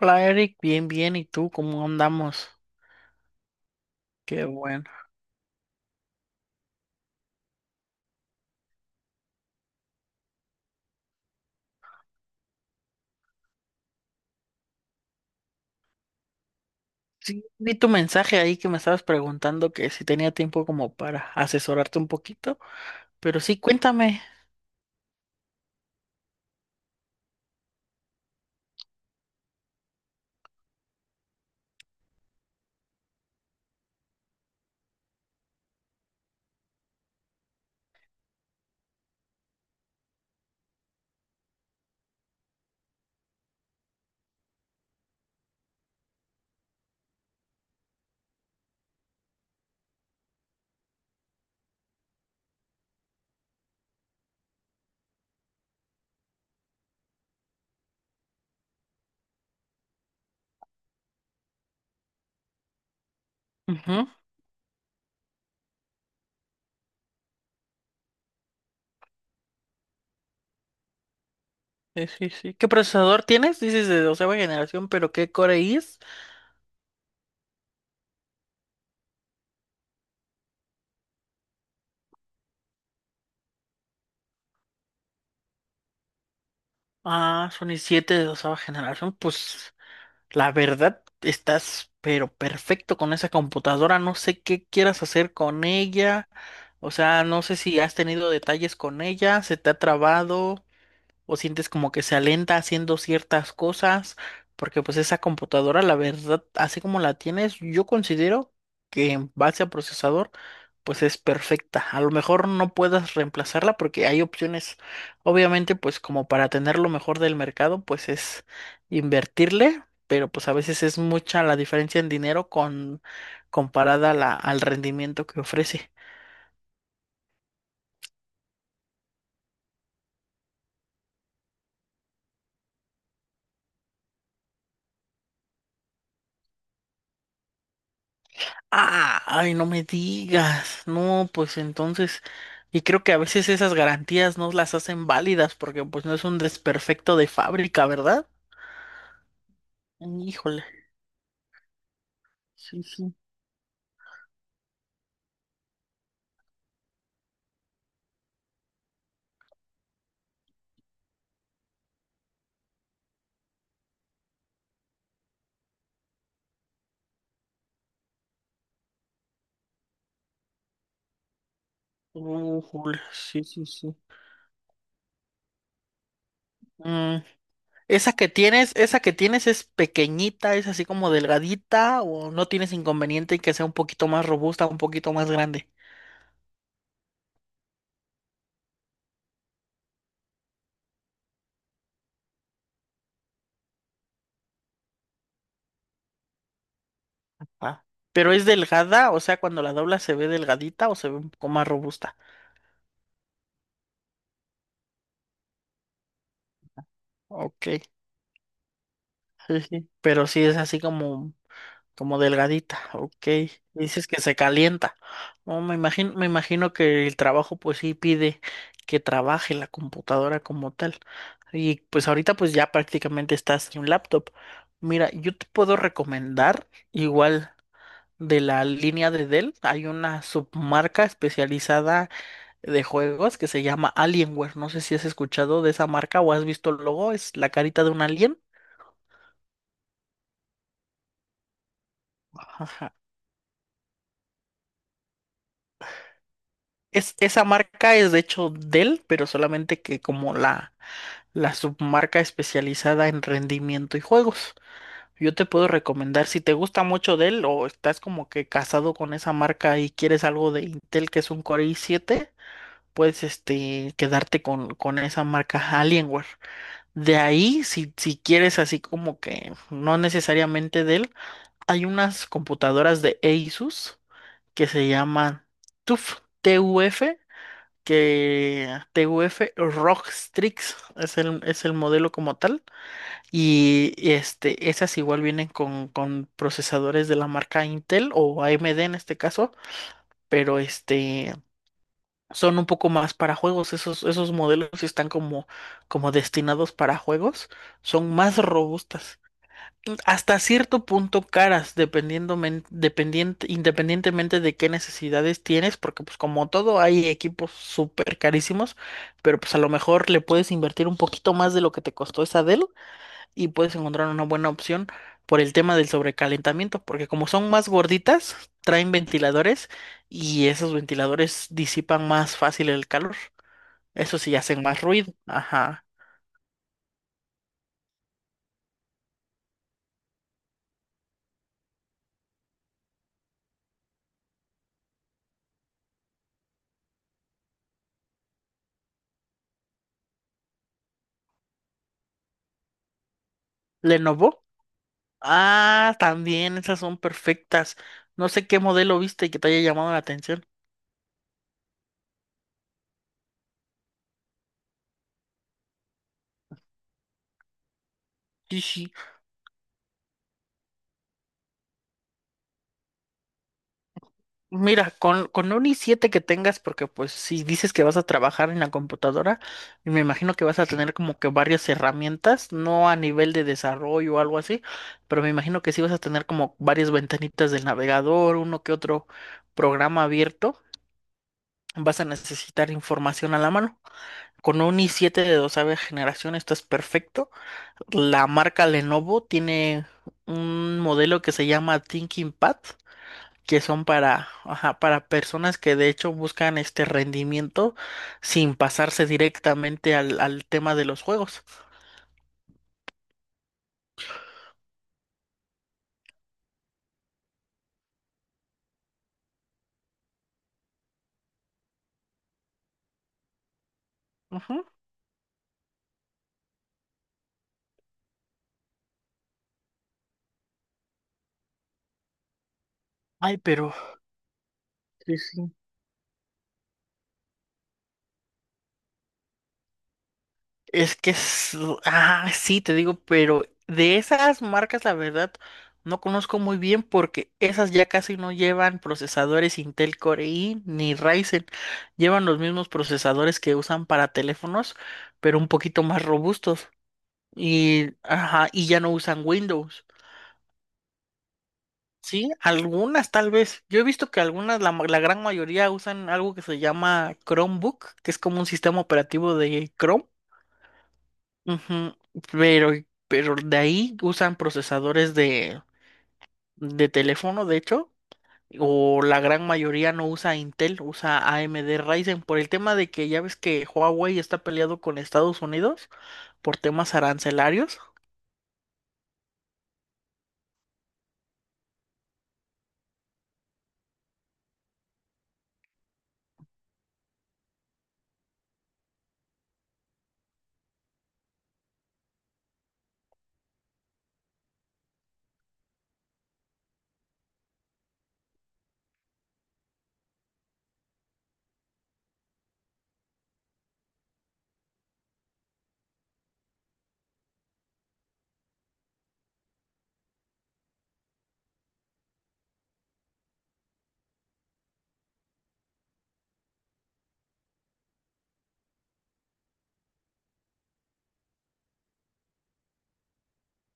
Hola Eric, bien, bien, ¿y tú cómo andamos? Qué bueno. Sí, vi tu mensaje ahí que me estabas preguntando que si tenía tiempo como para asesorarte un poquito, pero sí, cuéntame. Ujú. Sí, sí, sí. ¿Qué procesador tienes? Dices de doceava generación, pero ¿qué Core i es? Ah, son i7 de doceava generación. Pues la verdad, estás pero perfecto con esa computadora. No sé qué quieras hacer con ella. O sea, no sé si has tenido detalles con ella, se te ha trabado o sientes como que se alenta haciendo ciertas cosas, porque pues esa computadora, la verdad, así como la tienes, yo considero que en base a procesador, pues es perfecta. A lo mejor no puedas reemplazarla porque hay opciones, obviamente, pues como para tener lo mejor del mercado, pues es invertirle, pero pues a veces es mucha la diferencia en dinero con comparada a al rendimiento que ofrece. Ah, ay, no me digas. No, pues entonces, y creo que a veces esas garantías no las hacen válidas porque pues no es un desperfecto de fábrica, ¿verdad? Híjole. Sí, sí. Híjole, sí, sí, sí. Mm. Esa que tienes es pequeñita, es así como delgadita o no tienes inconveniente en que sea un poquito más robusta, un poquito más grande? Ah. Pero es delgada, o sea, cuando la dobla se ve delgadita o se ve un poco más robusta. Ok, sí, sí. Pero sí es así como. Como delgadita, ok. Dices que se calienta. No, me imagino que el trabajo pues sí pide que trabaje la computadora como tal. Y pues ahorita pues ya prácticamente estás en un laptop. Mira, yo te puedo recomendar igual de la línea de Dell, hay una submarca especializada de juegos que se llama Alienware. No sé si has escuchado de esa marca o has visto el logo, es la carita de un alien. Ajá. Es, esa marca es de hecho Dell, pero solamente que como la submarca especializada en rendimiento y juegos. Yo te puedo recomendar, si te gusta mucho Dell o estás como que casado con esa marca y quieres algo de Intel que es un Core i7, puedes este, quedarte con esa marca Alienware. De ahí, si quieres así como que no necesariamente Dell, hay unas computadoras de Asus que se llaman TUF, TUF que TUF Rockstrix es el modelo como tal. Este, esas igual vienen con procesadores de la marca Intel o AMD en este caso, pero este son un poco más para juegos. Esos modelos sí están como, como destinados para juegos, son más robustas hasta cierto punto caras, dependiendo, independientemente de qué necesidades tienes, porque pues como todo hay equipos súper carísimos, pero pues a lo mejor le puedes invertir un poquito más de lo que te costó esa Dell y puedes encontrar una buena opción por el tema del sobrecalentamiento, porque como son más gorditas, traen ventiladores y esos ventiladores disipan más fácil el calor. Eso sí, hacen más ruido. Ajá. Lenovo. Ah, también, esas son perfectas. No sé qué modelo viste y que te haya llamado la atención. Sí, sí. Mira, con un i7 que tengas, porque pues si dices que vas a trabajar en la computadora, y me imagino que vas a tener como que varias herramientas, no a nivel de desarrollo o algo así, pero me imagino que sí vas a tener como varias ventanitas del navegador, uno que otro programa abierto. Vas a necesitar información a la mano. Con un i7 de doceava generación estás perfecto. La marca Lenovo tiene un modelo que se llama ThinkPad, que son para, ajá, para personas que de hecho buscan este rendimiento sin pasarse directamente al tema de los juegos. Ujú. Ay, pero sí, sí. Es que es... Ah, sí, te digo, pero de esas marcas, la verdad, no conozco muy bien porque esas ya casi no llevan procesadores Intel Core i ni Ryzen. Llevan los mismos procesadores que usan para teléfonos, pero un poquito más robustos. Y, ajá, y ya no usan Windows. Sí, algunas tal vez. Yo he visto que algunas, la gran mayoría usan algo que se llama Chromebook, que es como un sistema operativo de Chrome. Ujú. Pero, pero de ahí usan procesadores de teléfono, de hecho, o la gran mayoría no usa Intel, usa AMD Ryzen, por el tema de que ya ves que Huawei está peleado con Estados Unidos por temas arancelarios.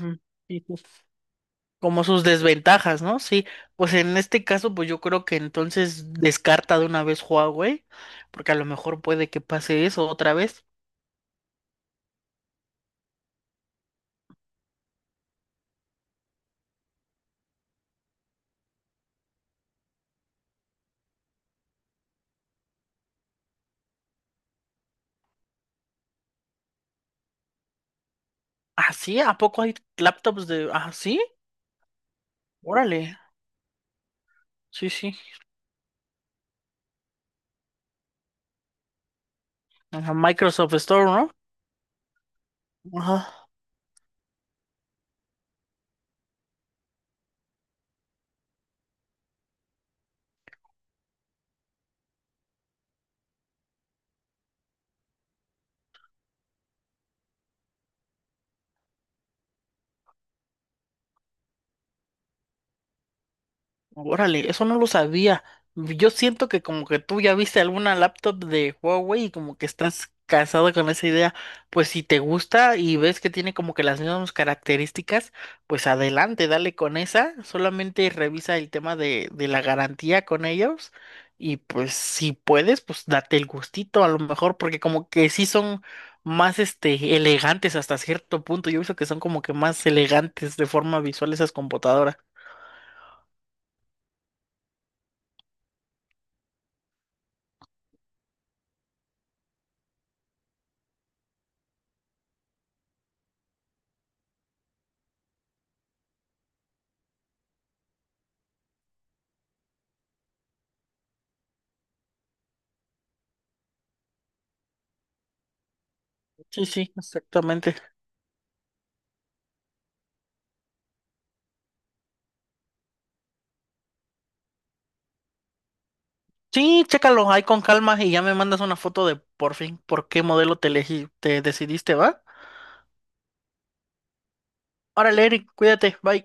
Ujú. Sí, sí. Como sus desventajas, ¿no? Sí, pues en este caso, pues yo creo que entonces descarta de una vez Huawei, porque a lo mejor puede que pase eso otra vez. ¿Ah, sí? ¿A poco hay laptops de... Ah, sí? Órale, sí, sí. Ajá, Microsoft Store, ¿no? Ajá. Órale, eso no lo sabía. Yo siento que como que tú ya viste alguna laptop de Huawei y como que estás casado con esa idea. Pues si te gusta y ves que tiene como que las mismas características, pues adelante, dale con esa. Solamente revisa el tema de la garantía con ellos. Y pues si puedes, pues date el gustito a lo mejor, porque como que sí son más este elegantes hasta cierto punto. Yo he visto que son como que más elegantes de forma visual esas computadoras. Sí, sí, exactamente. Sí, chécalo ahí con calma y ya me mandas una foto de por fin por qué modelo te elegí, te decidiste, ¿va? Órale, Eric, cuídate, bye.